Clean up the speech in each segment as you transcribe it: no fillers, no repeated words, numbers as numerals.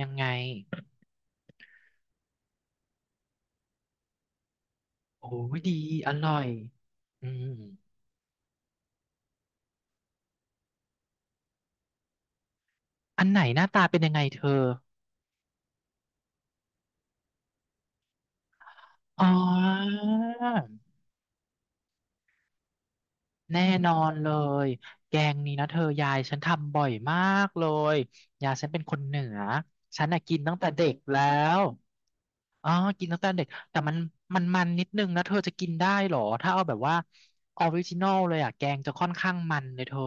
ยังไงโอ้ยดีอร่อยอืมอันไหนหน้าตาเป็นยังไงเธออ๋อแน่นอนเลยแกงนี้นะเธอยายฉันทำบ่อยมากเลยยายฉันเป็นคนเหนือฉันน่ะกินตั้งแต่เด็กแล้วอ๋อกินตั้งแต่เด็กแต่มันมันนิดนึงนะเธอจะกินได้เหรอถ้าเอาแบบว่าออริจินอลเลยอ่ะแกงจะค่อนข้างมันเลยเธอ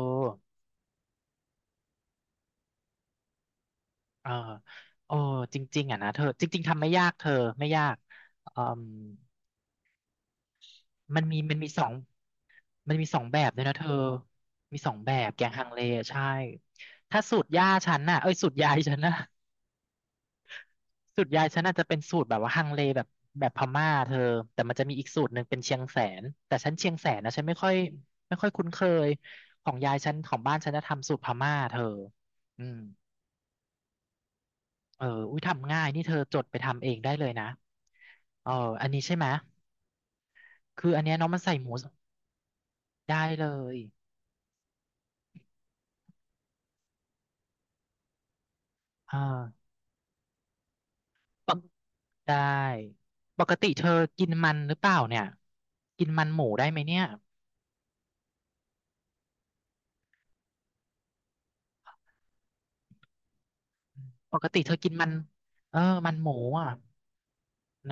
เออโอ้จริงๆอ่ะนะเธอจริงๆทำไม่ยากเธอไม่ยากอืม มันมีมันมีสองมันมีสองแบบด้วยนะเธอมีสองแบบแกงฮังเลใช่ถ้าสูตรยายฉันน่ะสูตรยายฉันน่ะจะเป็นสูตรแบบว่าฮังเลแบบพม่าเธอแต่มันจะมีอีกสูตรหนึ่งเป็นเชียงแสนแต่ฉันเชียงแสนนะฉันไม่ค่อยคุ้นเคยของยายฉันของบ้านฉันจะทำสูตรพม่าเธออืมเอออุ้ยทำง่ายนี่เธอจดไปทำเองได้เลยนะเอออันนี้ใช่ไหมยคืออันเนี้ยเน้องมันใส่หมูได้เลยอ่า ปกได้ปกติเธอกินมันหรือเปล่าเนี่ยกินมันหมูได้ไหมเนี่ยปกติเธอกินมันเออมันหมูอ่ะ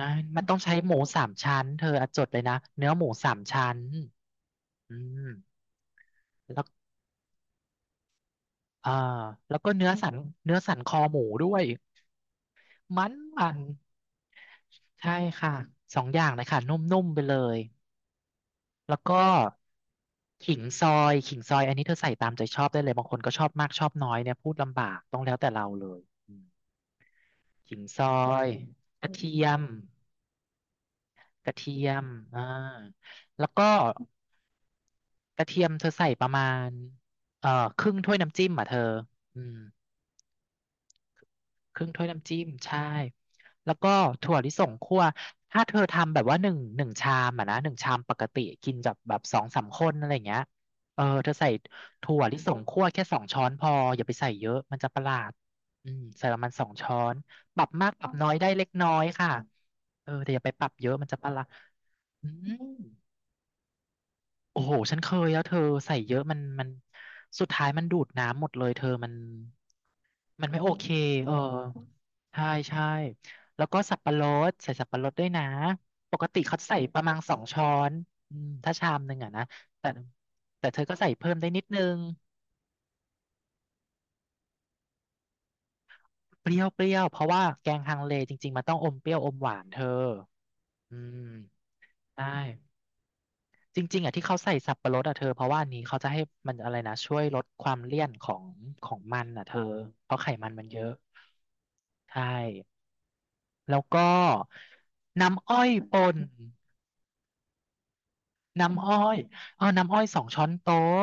นะมันต้องใช้หมูสามชั้นเธออะจดเลยนะเนื้อหมูสามชั้นอืมแล้วเออแล้วก็เนื้อสันเนื้อสันคอหมูด้วยมันมันใช่ค่ะสองอย่างเลยค่ะนุ่มๆไปเลยแล้วก็ขิงซอยขิงซอยอันนี้เธอใส่ตามใจชอบได้เลยบางคนก็ชอบมากชอบน้อยเนี่ยพูดลำบากต้องแล้วแต่เราเลย ขิงซอยกระเทียมกระเทียมอ่าแล้วก็กระเทียมเธอใส่ประมาณเอ่อครึ่งถ้วยน้ำจิ้มอ่ะเธออืม ครึ่งถ้วยน้ำจิ้มใช่แล้วก็ถั่วลิสงคั่วถ้าเธอทำแบบว่าหนึ่งชามอะนะหนึ่งชามปกติกินแบบสองสามคนอะไรอย่างเงี้ยเออเธอใส่ถั่วลิสงคั่วแค่สองช้อนพออย่าไปใส่เยอะมันจะประหลาดอืมใส่ประมาณสองช้อนปรับมากปรับน้อยได้เล็กน้อยค่ะเออแต่อย่าไปปรับเยอะมันจะประหลาดอืมโอ้โหฉันเคยแล้วเธอใส่เยอะมันสุดท้ายมันดูดน้ำหมดเลยเธอมัน มันไม่โอเคเออใช่ใช่แล้วก็สับปะรดใส่สับปะรดด้วยนะปกติเขาใส่ประมาณสองช้อนอืมถ้าชามหนึ่งอะนะแต่แต่เธอก็ใส่เพิ่มได้นิดนึงเปรี้ยวเปรี้ยวเพราะว่าแกงฮังเลจริงๆมันต้องอมเปรี้ยวอมหวานเธออืมได้จริงๆอะที่เขาใส่สับปะรดอะเธอเพราะว่าอันนี้เขาจะให้มันอะไรนะช่วยลดความเลี่ยนของมันอะเธอเพราะไขมันมันเยอะใช่แล้วก็น้ำอ้อยป่น น้ำอ้อยอ๋อน้ำอ้อยสองช้อนโต๊ะ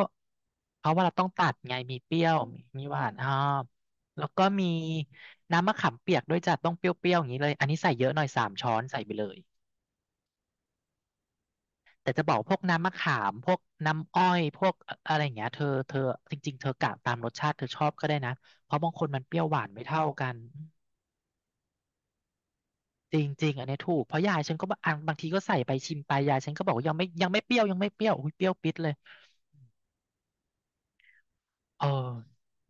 เพราะว่าเราต้องตัดไงมีเปรี้ยวมีหวานอ่าแล้วก็มีน้ำมะขามเปียกด้วยจ้ะต้องเปรี้ยวๆอย่างนี้เลยอันนี้ใส่เยอะหน่อยสามช้อนใส่ไปเลยแต่จะบอกพวกน้ำมะขามพวกน้ำอ้อยพวกอะไรอย่างเงี้ยเธอจริงๆเธอกะตามรสชาติเธอชอบก็ได้นะเพราะบางคนมันเปรี้ยวหวานไม่เท่ากันจริงๆอันเนี้ยถูกเพราะยายฉันก็บางอันบางทีก็ใส่ไปชิมไปยายฉันก็บอกว่ายังไม่เปรี้ยวยังไม่เปรี้ยวอุ้ยเปรี้ยวปิดเลย เออ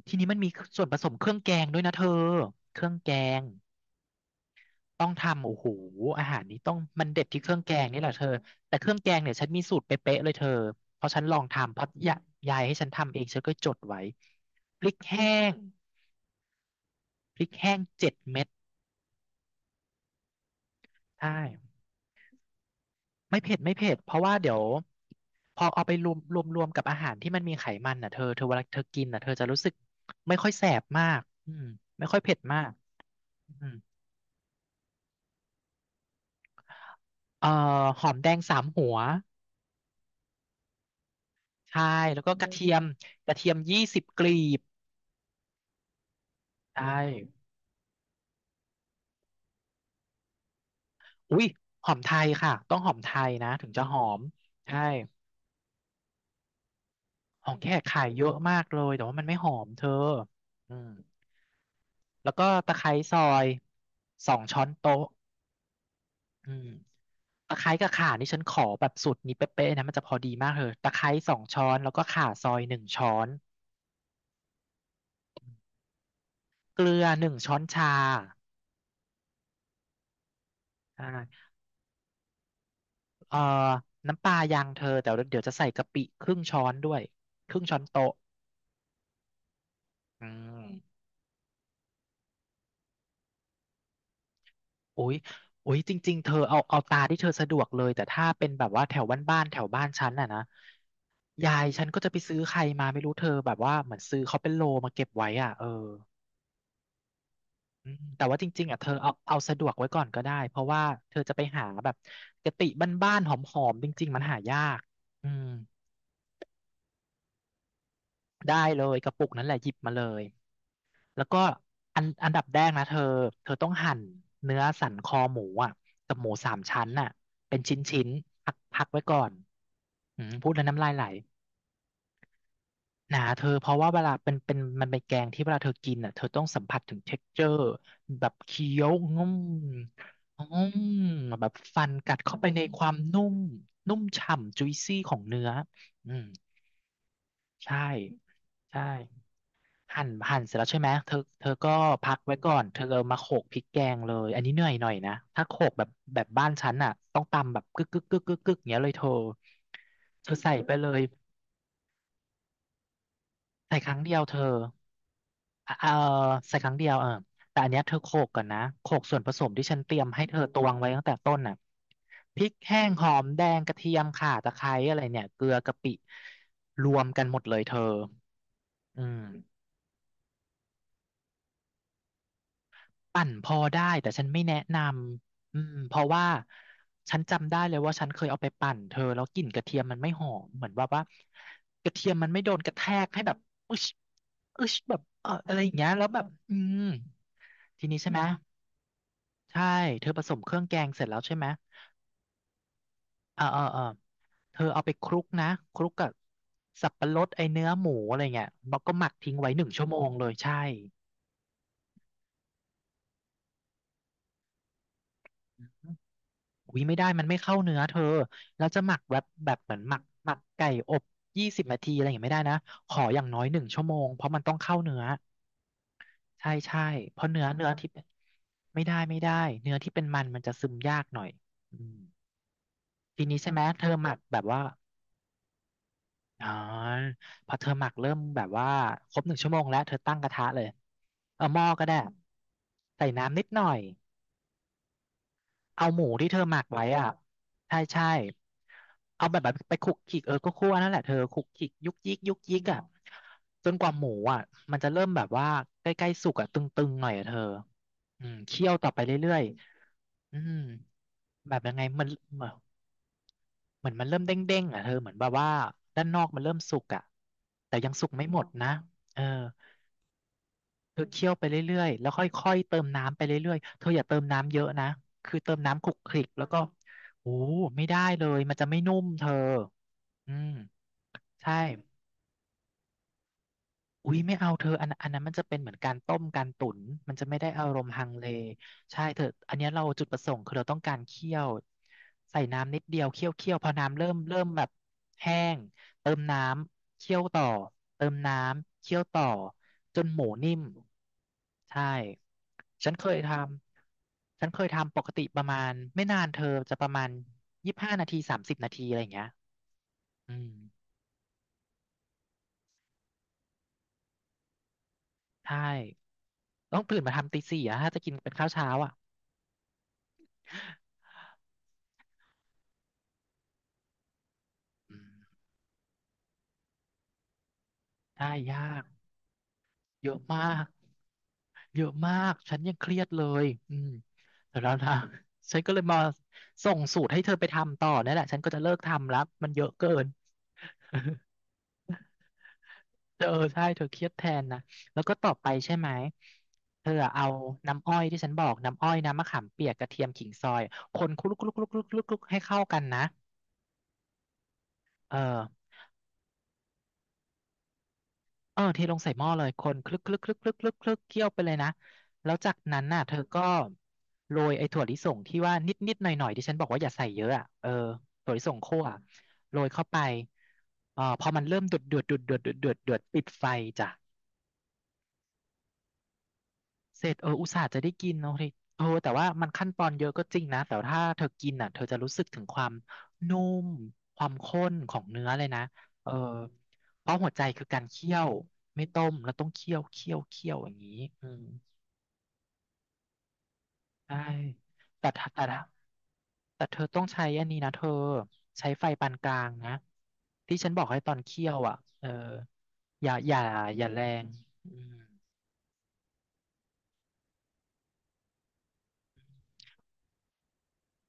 ทีนี้มันมีส่วนผสมเครื่องแกงด้วยนะเธอเครื่องแกงต้องทำโอ้โหอาหารนี้ต้องมันเด็ดที่เครื่องแกงนี่แหละเธอแต่เครื่องแกงเนี่ยฉันมีสูตรเป๊ะๆเลยเธอเพราะฉันลองทำเพราะยายให้ฉันทำเองฉันก็จดไว้พริกแห้ง7 เม็ดใช่ไม่เผ็ดไม่เผ็ดเพราะว่าเดี๋ยวพอเอาไปรวมกับอาหารที่มันมีไขมันน่ะเธอเธอเวลาเธอกินน่ะเธอจะรู้สึกไม่ค่อยแสบมากอืมไม่ค่อยเผ็ดมากอืม เอ่อหอมแดง3 หัวใช่แล้วก็กระเทียมกระเทียม20 กลีบใช่อุ้ยหอมไทยค่ะต้องหอมไทยนะถึงจะหอมใช่ของแขกขายเยอะมากเลยแต่ว่ามันไม่หอมเธออืมแล้วก็ตะไคร้ซอยสองช้อนโต๊ะอืมตะไคร้กับข่านี่ฉันขอแบบสูตรนี้เป๊ะๆนะมันจะพอดีมากเลยตะไคร้สองช้อนแล้วก็ข่าซอยหนึ่งช้อนเกลือหนึ่งช้อนชาอ่า เอ่อน้ำปลายังเธอแต่เดี๋ยวจะใส่กะปิครึ่งช้อนด้วยครึ่งช้อนโต๊ะอืมอุ๊ยอุยจริงๆเธอเอาตาที่เธอสะดวกเลยแต่ถ้าเป็นแบบว่าแถวบ้านๆแถวบ้านฉันน่ะนะยายฉันก็จะไปซื้อใครมาไม่รู้เธอแบบว่าเหมือนซื้อเขาเป็นโลมาเก็บไว้อ่ะเอออืมแต่ว่าจริงๆอ่ะเธอเอาสะดวกไว้ก่อนก็ได้เพราะว่าเธอจะไปหาแบบกะปิบ้านๆหอมๆจริงๆมันหายากอืมได้เลยกระปุกนั้นแหละหยิบมาเลย แล้วก็อันดับแรกนะเธอต้องหั่นเนื้อสันคอหมูอ่ะกับหมูสามชั้นน่ะเป็นชิ้นชิ้นพักไว้ก่อนอืมพูดแล้วน้ำลายไหลหนาเธอเพราะว่าเวลาเป็นมันเป็นแกงที่เวลาเธอกินอ่ะเธอต้องสัมผัสถึงเท็กเจอร์แบบเคี้ยวงุ่มงุืมแบบฟันกัดเข้าไปในความนุ่มนุ่มฉ่ำ juicy ของเนื้ออืมใช่ใช่ หั่นเสร็จแล้วใช่ไหมเธอก็พักไว้ก่อนเธอเอามาโขลกพริกแกงเลยอันนี้เหนื่อยหน่อยนะถ้าโขลกแบบบ้านฉันอ่ะต้องตำแบบกึกกึกกึกกึกกึกอย่างเงี้ยเลยเธอเธอใส่ไปเลยใส่ครั้งเดียวเธออ่ะเออใส่ครั้งเดียวเออแต่อันเนี้ยเธอโขลกก่อนนะโขลกส่วนผสมที่ฉันเตรียมให้เธอตวงไว้ตั้งแต่ต้นน่ะพริกแห้งหอมแดงกระเทียมข่าตะไคร้อะไรเนี่ยเกลือกะปิรวมกันหมดเลยเธออืม ปั่นพอได้แต่ฉันไม่แนะนำอืมเพราะว่าฉันจำได้เลยว่าฉันเคยเอาไปปั่นเธอแล้วกลิ่นกระเทียมมันไม่หอมเหมือนว่ากระเทียมมันไม่โดนกระแทกให้แบบอึชอึชแบบเอออะไรอย่างเงี้ยแล้วแบบอืมทีนี้ใช่ไหมใช่เธอผสมเครื่องแกงเสร็จแล้วใช่ไหมเออเออเออเธอเอาไปคลุกนะคลุกกับสับปะรดไอเนื้อหมูอะไรเงี้ยแล้วก็หมักทิ้งไว้หนึ่งชั่วโมงเลยใช่ อุ้ยไม่ได้มันไม่เข้าเนื้อเธอแล้วจะหมักแบบเหมือนหมักไก่อบ20 นาทีอะไรอย่างเงี้ยไม่ได้นะขออย่างน้อยหนึ่งชั่วโมงเพราะมันต้องเข้าเนื้อใช่ใช่เพราะเนื้อที่เป็นไม่ได้ไม่ได้เนื้อที่เป็นมันจะซึมยากหน่อยอืมทีนี้ใช่ไหมเธอหมักแบบว่าอ๋อพอเธอหมักเริ่มแบบว่าครบหนึ่งชั่วโมงแล้วเธอตั้งกระทะเลยเอาหม้อก็ได้ใส่น้ำนิดหน่อย เอาหมูที่เธอหมักไว้อ่ะใช่ใช่เอาแบบไปคลุกคลิกเออก็คั่วนั่นแหละเธอคลุกคลิกยุกยิกยุกยิกอ่ะจนกว่าหมูอ่ะมันจะเริ่มแบบว่าใกล้ๆสุกอ่ะตึงๆหน่อยอ่ะเธออืมเคี่ยวต่อไปเรื่อยๆอืมแบบยังไงมันเหมือนเหมือนมันเริ่มเด้งๆอ่ะเธอเหมือนแบบว่าด้านนอกมันเริ่มสุกอ่ะแต่ยังสุกไม่หมดนะเออ เธอเคี่ยวไปเรื่อยๆ แล้วค่อยๆ เติมน้ำไปเรื่อยๆ เธออย่าเติมน้ำเยอะนะ คือเติมน้ำคลุกคลิกแล้วก็ โอ้ไม่ได้เลยมันจะไม่นุ่มเธออืมใช่ อุ้ยไม่เอาเธออันนั้นมันจะเป็นเหมือนการต้มการตุ๋นมันจะไม่ได้อารมณ์ฮังเลใช่เธออันเนี้ยเราจุดประสงค์คือเราต้องการเคี่ยวใส่น้ำนิดเดียวเคี่ยวเคี่ยวพอน้ำเริ่มแบบแห้งเติมน้ำเคี่ยวต่อเติมน้ำเคี่ยวต่อจนหมูนิ่มใช่ฉันเคยทฉันเคยทำปกติประมาณไม่นานเธอจะประมาณ25 นาที30 นาทีอะไรอย่างเงี้ยอืมใช่ต้องตื่นมาทำตีสี่อะถ้าจะกินเป็นข้าวเช้าอ่ะอืม ใช่ยากเยอะมากเยอะมากฉันยังเครียดเลยอืมแต่แล้วนะ ฉันก็เลยมาส่งสูตรให้เธอไปทำต่อนั่นแหละฉันก็จะเลิกทำแล้วมันเยอะเกินเออใช่เธอเครียดแทนนะแล้วก็ต่อไปใช่ไหมเธอเอาน้ำอ้อยที่ฉันบอกน้ำอ้อยน้ำมะขามเปียกกระเทียมขิงซอยคนคลุกๆๆๆๆๆให้เข้ากันนะเออ เออเทลงใส่หม้อเลย คนคลึกคลึกคลึกคลึกคลึกคลึกเคี่ยวไปเลยนะ แล้วจากนั้นน่ะเธอก็โรยไอ้ถั่วลิสงที่ว่านิดนิดหน่อยหน่อยๆที่ฉันบอกว่าอย่าใส่เยอะอ่ะเออถั่วลิสงคั่วโรยเข้าไปเออพอมันเริ่มเดือดเดือดเดือดเดือดเดือดเดือดเดือดปิดไฟจ้ะ เสร็จเอออุตส่าห์จะได้กินเนาะเฮยเออแต่ว่ามันขั้นตอนเยอะก็จริงนะแต่ถ้าเธอกินอ่ะเธอจะรู้สึกถึงความนุ่มความข้นของเนื้อเลยนะเออเพราะหัวใจคือการเคี่ยวไม่ต้มแล้วต้องเคี่ยวเคี่ยวเคี่ยวอย่างนี้อืมใช่แต่ถ้าแต่ถ้าแต่เธอต้องใช้อันนี้นะเธอใช้ไฟปานกลางนะที่ฉันบอกให้ตอนเคี่ยวอ่ะเอออย่าอย่าอย่าแรงอืม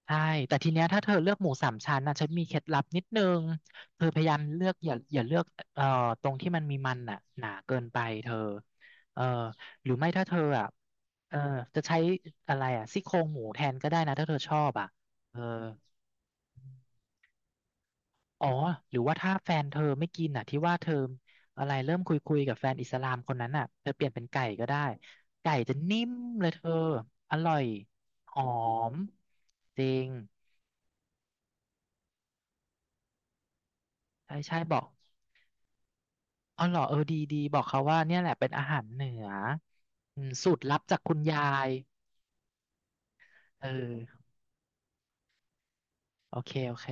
ใช่ แต่ทีเนี้ยถ้าเธอเลือกหมูสามชั้นนะฉันมีเคล็ดลับนิดนึงเธอพยายามเลือกอย่าเลือกเอ่อตรงที่มันมีมันน่ะหนาเกินไปเธอเออหรือไม่ถ้าเธออ่ะเออจะใช้อะไรอ่ะซี่โครงหมูแทนก็ได้นะถ้าเธอชอบอ่ะเอออ๋อหรือว่าถ้าแฟนเธอไม่กินอ่ะที่ว่าเธออะไรเริ่มคุยกับแฟนอิสลามคนนั้นอ่ะเธอเปลี่ยนเป็นไก่ก็ได้ไก่จะนิ่มเลยเธออร่อยหอมจริงใช่ใช่บอก อ๋อเหรอเออดีดีบอกเขาว่าเนี่ยแหละเป็นอาหารเหนืออืมสูตรลับจากคุณยายเออโอเคโอเค